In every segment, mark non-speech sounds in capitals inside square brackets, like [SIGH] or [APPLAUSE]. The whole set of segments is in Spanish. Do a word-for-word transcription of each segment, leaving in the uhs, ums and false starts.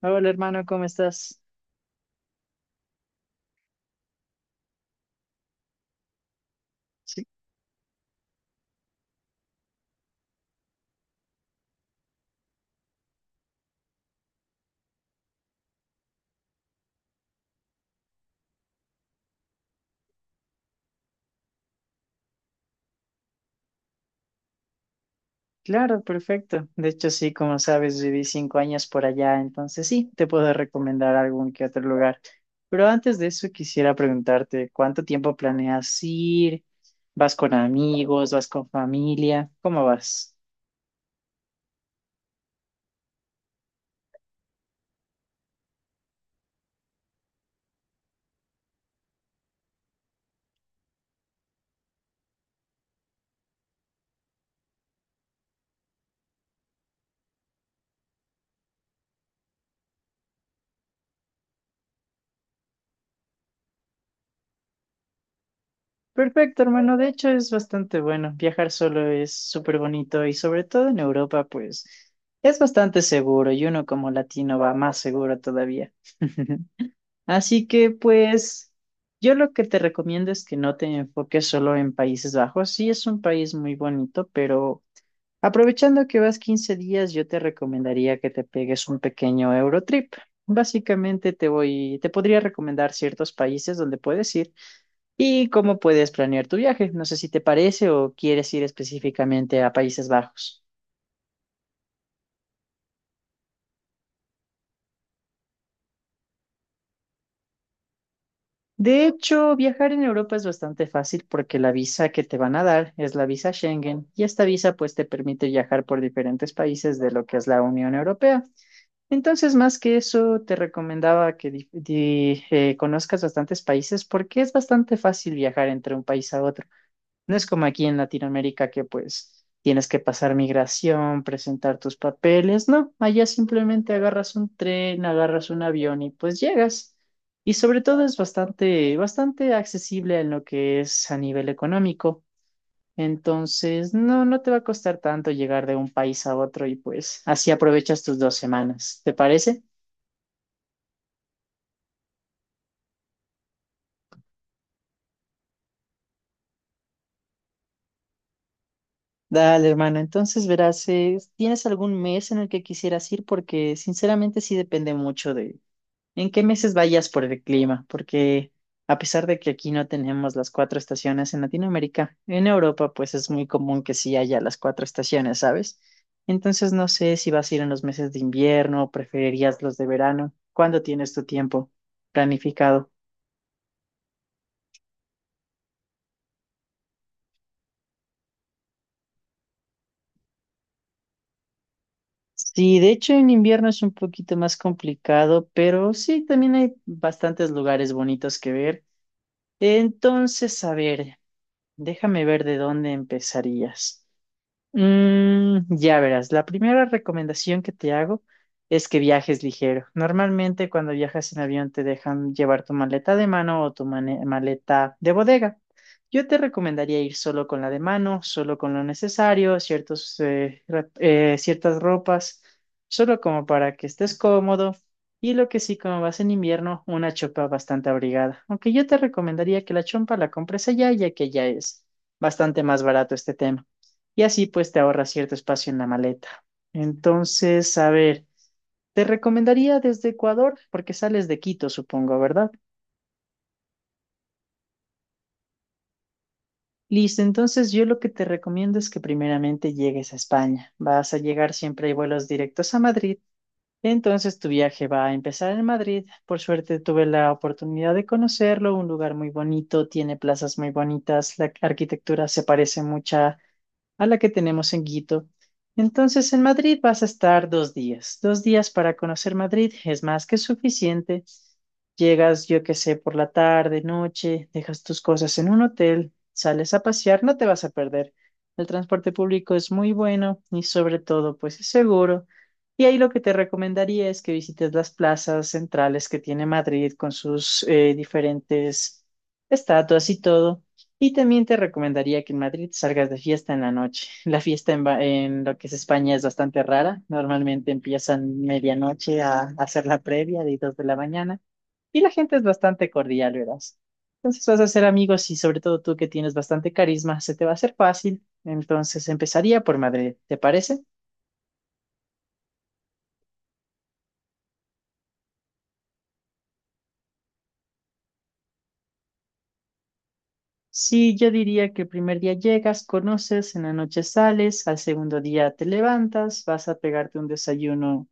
Hola hermano, ¿cómo estás? Sí, claro, perfecto. De hecho, sí, como sabes, viví cinco años por allá, entonces sí, te puedo recomendar algún que otro lugar. Pero antes de eso, quisiera preguntarte, ¿cuánto tiempo planeas ir? ¿Vas con amigos? ¿Vas con familia? ¿Cómo vas? Perfecto, hermano. De hecho, es bastante bueno. Viajar solo es súper bonito y sobre todo en Europa, pues es bastante seguro y uno como latino va más seguro todavía. [LAUGHS] Así que pues yo lo que te recomiendo es que no te enfoques solo en Países Bajos. Sí, es un país muy bonito, pero aprovechando que vas quince días, yo te recomendaría que te pegues un pequeño Eurotrip. Básicamente te voy, te podría recomendar ciertos países donde puedes ir y cómo puedes planear tu viaje. No sé si te parece o quieres ir específicamente a Países Bajos. De hecho, viajar en Europa es bastante fácil porque la visa que te van a dar es la visa Schengen y esta visa pues te permite viajar por diferentes países de lo que es la Unión Europea. Entonces, más que eso, te recomendaba que di- di- eh, conozcas bastantes países porque es bastante fácil viajar entre un país a otro. No es como aquí en Latinoamérica que pues tienes que pasar migración, presentar tus papeles, no, allá simplemente agarras un tren, agarras un avión y pues llegas. Y sobre todo es bastante, bastante accesible en lo que es a nivel económico. Entonces, no, no te va a costar tanto llegar de un país a otro y pues así aprovechas tus dos semanas. ¿Te parece? Dale, hermano. Entonces, verás, eh, ¿tienes algún mes en el que quisieras ir? Porque sinceramente sí depende mucho de en qué meses vayas por el clima, porque a pesar de que aquí no tenemos las cuatro estaciones en Latinoamérica, en Europa pues es muy común que sí haya las cuatro estaciones, ¿sabes? Entonces no sé si vas a ir en los meses de invierno o preferirías los de verano. ¿Cuándo tienes tu tiempo planificado? Sí, de hecho en invierno es un poquito más complicado, pero sí, también hay bastantes lugares bonitos que ver. Entonces, a ver, déjame ver de dónde empezarías. Mm, ya verás, la primera recomendación que te hago es que viajes ligero. Normalmente cuando viajas en avión te dejan llevar tu maleta de mano o tu mane- maleta de bodega. Yo te recomendaría ir solo con la de mano, solo con lo necesario, ciertos, eh, ra- eh, ciertas ropas, solo como para que estés cómodo. Y lo que sí, como vas en invierno, una chompa bastante abrigada. Aunque yo te recomendaría que la chompa la compres allá, ya que ya es bastante más barato este tema y así pues te ahorras cierto espacio en la maleta. Entonces, a ver, te recomendaría desde Ecuador, porque sales de Quito, supongo, ¿verdad? Listo, entonces yo lo que te recomiendo es que primeramente llegues a España. Vas a llegar siempre hay vuelos directos a Madrid. Entonces tu viaje va a empezar en Madrid. Por suerte tuve la oportunidad de conocerlo, un lugar muy bonito, tiene plazas muy bonitas, la arquitectura se parece mucha a la que tenemos en Quito. Entonces, en Madrid vas a estar dos días. Dos días para conocer Madrid es más que suficiente. Llegas, yo qué sé, por la tarde, noche, dejas tus cosas en un hotel, sales a pasear, no te vas a perder. El transporte público es muy bueno y sobre todo, pues es seguro. Y ahí lo que te recomendaría es que visites las plazas centrales que tiene Madrid con sus eh, diferentes estatuas y todo. Y también te recomendaría que en Madrid salgas de fiesta en la noche. [LAUGHS] La fiesta en, Ba- en lo que es España es bastante rara. Normalmente empiezan medianoche a, a hacer la previa de dos de la mañana y la gente es bastante cordial, verás. Entonces vas a ser amigos y sobre todo tú que tienes bastante carisma, se te va a hacer fácil. Entonces empezaría por Madrid, ¿te parece? Sí, yo diría que el primer día llegas, conoces, en la noche sales, al segundo día te levantas, vas a pegarte un desayuno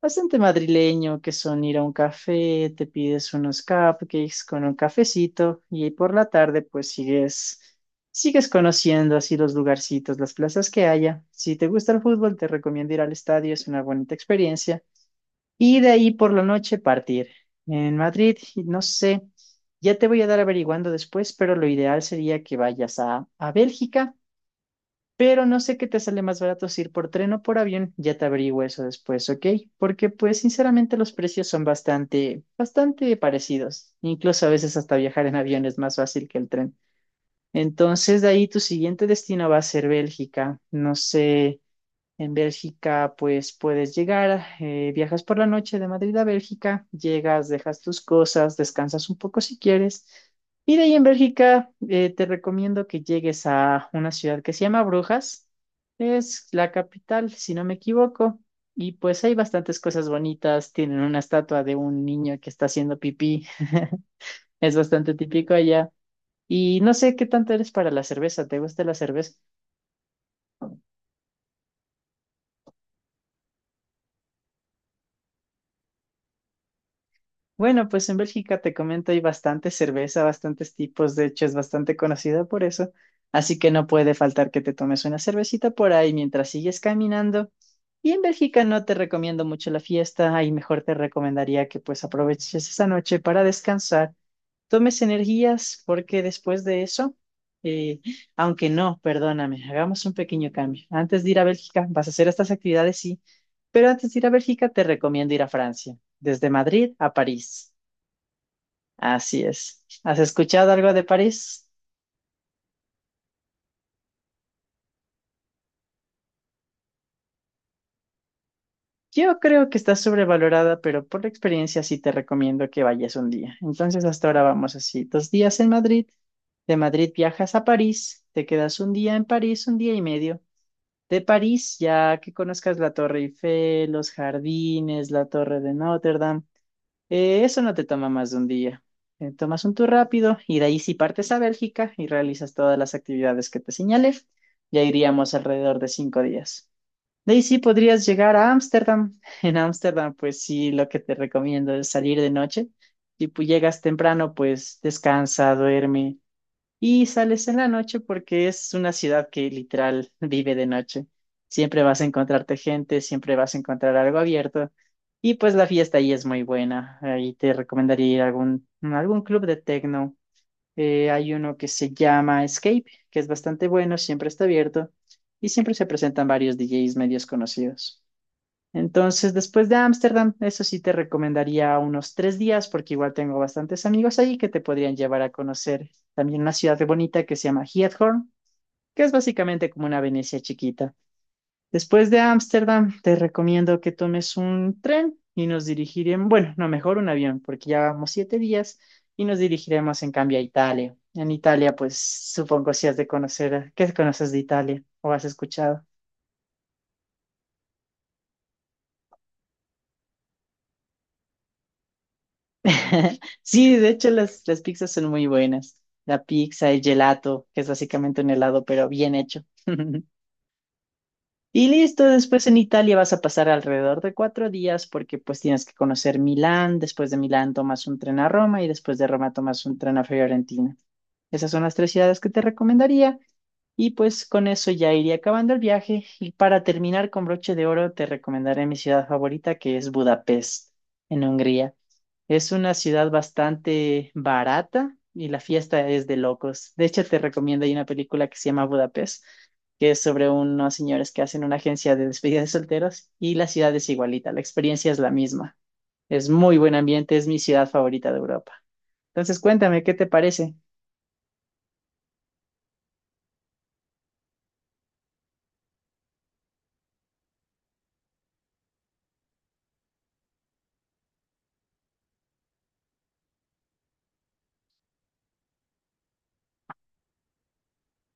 bastante madrileño, que son ir a un café, te pides unos cupcakes con un cafecito y ahí por la tarde pues sigues, sigues conociendo así los lugarcitos, las plazas que haya. Si te gusta el fútbol, te recomiendo ir al estadio, es una bonita experiencia. Y de ahí por la noche partir. En Madrid, y no sé, ya te voy a dar averiguando después, pero lo ideal sería que vayas a, a Bélgica pero no sé qué te sale más barato si ir por tren o por avión, ya te averiguo eso después, ¿ok? Porque pues sinceramente los precios son bastante, bastante parecidos. Incluso a veces hasta viajar en avión es más fácil que el tren. Entonces de ahí tu siguiente destino va a ser Bélgica. No sé, en Bélgica, pues puedes llegar, eh, viajas por la noche de Madrid a Bélgica, llegas, dejas tus cosas, descansas un poco si quieres. Y de ahí en Bélgica, eh, te recomiendo que llegues a una ciudad que se llama Brujas. Es la capital, si no me equivoco. Y pues hay bastantes cosas bonitas. Tienen una estatua de un niño que está haciendo pipí. [LAUGHS] Es bastante típico allá. Y no sé qué tanto eres para la cerveza. ¿Te gusta la cerveza? Bueno, pues en Bélgica te comento, hay bastante cerveza, bastantes tipos, de hecho es bastante conocida por eso, así que no puede faltar que te tomes una cervecita por ahí mientras sigues caminando. Y en Bélgica no te recomiendo mucho la fiesta, ahí mejor te recomendaría que pues aproveches esa noche para descansar, tomes energías, porque después de eso, eh, aunque no, perdóname, hagamos un pequeño cambio. Antes de ir a Bélgica, vas a hacer estas actividades, sí, pero antes de ir a Bélgica te recomiendo ir a Francia, desde Madrid a París. Así es. ¿Has escuchado algo de París? Yo creo que está sobrevalorada, pero por la experiencia sí te recomiendo que vayas un día. Entonces, hasta ahora vamos así, dos días en Madrid, de Madrid viajas a París, te quedas un día en París, un día y medio. De París, ya que conozcas la Torre Eiffel, los jardines, la Torre de Notre Dame, eh, eso no te toma más de un día. Eh, tomas un tour rápido y de ahí sí partes a Bélgica y realizas todas las actividades que te señalé, ya iríamos alrededor de cinco días. De ahí sí podrías llegar a Ámsterdam. En Ámsterdam, pues sí, lo que te recomiendo es salir de noche. Si pu- llegas temprano, pues descansa, duerme y sales en la noche porque es una ciudad que literal vive de noche. Siempre vas a encontrarte gente, siempre vas a encontrar algo abierto y pues la fiesta ahí es muy buena. Ahí te recomendaría ir a algún, algún club de techno eh, hay uno que se llama Escape, que es bastante bueno, siempre está abierto y siempre se presentan varios D Js medios conocidos. Entonces, después de Ámsterdam, eso sí te recomendaría unos tres días, porque igual tengo bastantes amigos ahí que te podrían llevar a conocer también una ciudad bonita que se llama Giethoorn, que es básicamente como una Venecia chiquita. Después de Ámsterdam, te recomiendo que tomes un tren y nos dirigiremos, bueno, no, mejor un avión, porque ya vamos siete días y nos dirigiremos en cambio a Italia. En Italia, pues supongo si has de conocer, ¿qué conoces de Italia o has escuchado? [LAUGHS] Sí, de hecho las, las pizzas son muy buenas. La pizza, el gelato, que es básicamente un helado, pero bien hecho. [LAUGHS] Y listo, después en Italia vas a pasar alrededor de cuatro días porque pues tienes que conocer Milán, después de Milán tomas un tren a Roma y después de Roma tomas un tren a Fiorentina. Esas son las tres ciudades que te recomendaría y pues con eso ya iría acabando el viaje y para terminar con broche de oro te recomendaré mi ciudad favorita que es Budapest en Hungría. Es una ciudad bastante barata y la fiesta es de locos. De hecho, te recomiendo, hay una película que se llama Budapest, que es sobre unos señores que hacen una agencia de despedida de solteros y la ciudad es igualita, la experiencia es la misma. Es muy buen ambiente, es mi ciudad favorita de Europa. Entonces, cuéntame, ¿qué te parece?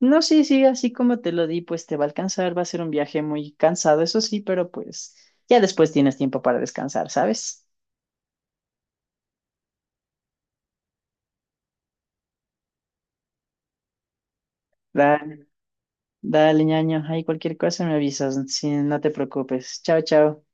No, sí, sí, así como te lo di, pues te va a alcanzar, va a ser un viaje muy cansado, eso sí, pero pues ya después tienes tiempo para descansar, ¿sabes? La, Dale, ñaño, hay cualquier cosa me avisas, si no te preocupes. Chao, chao.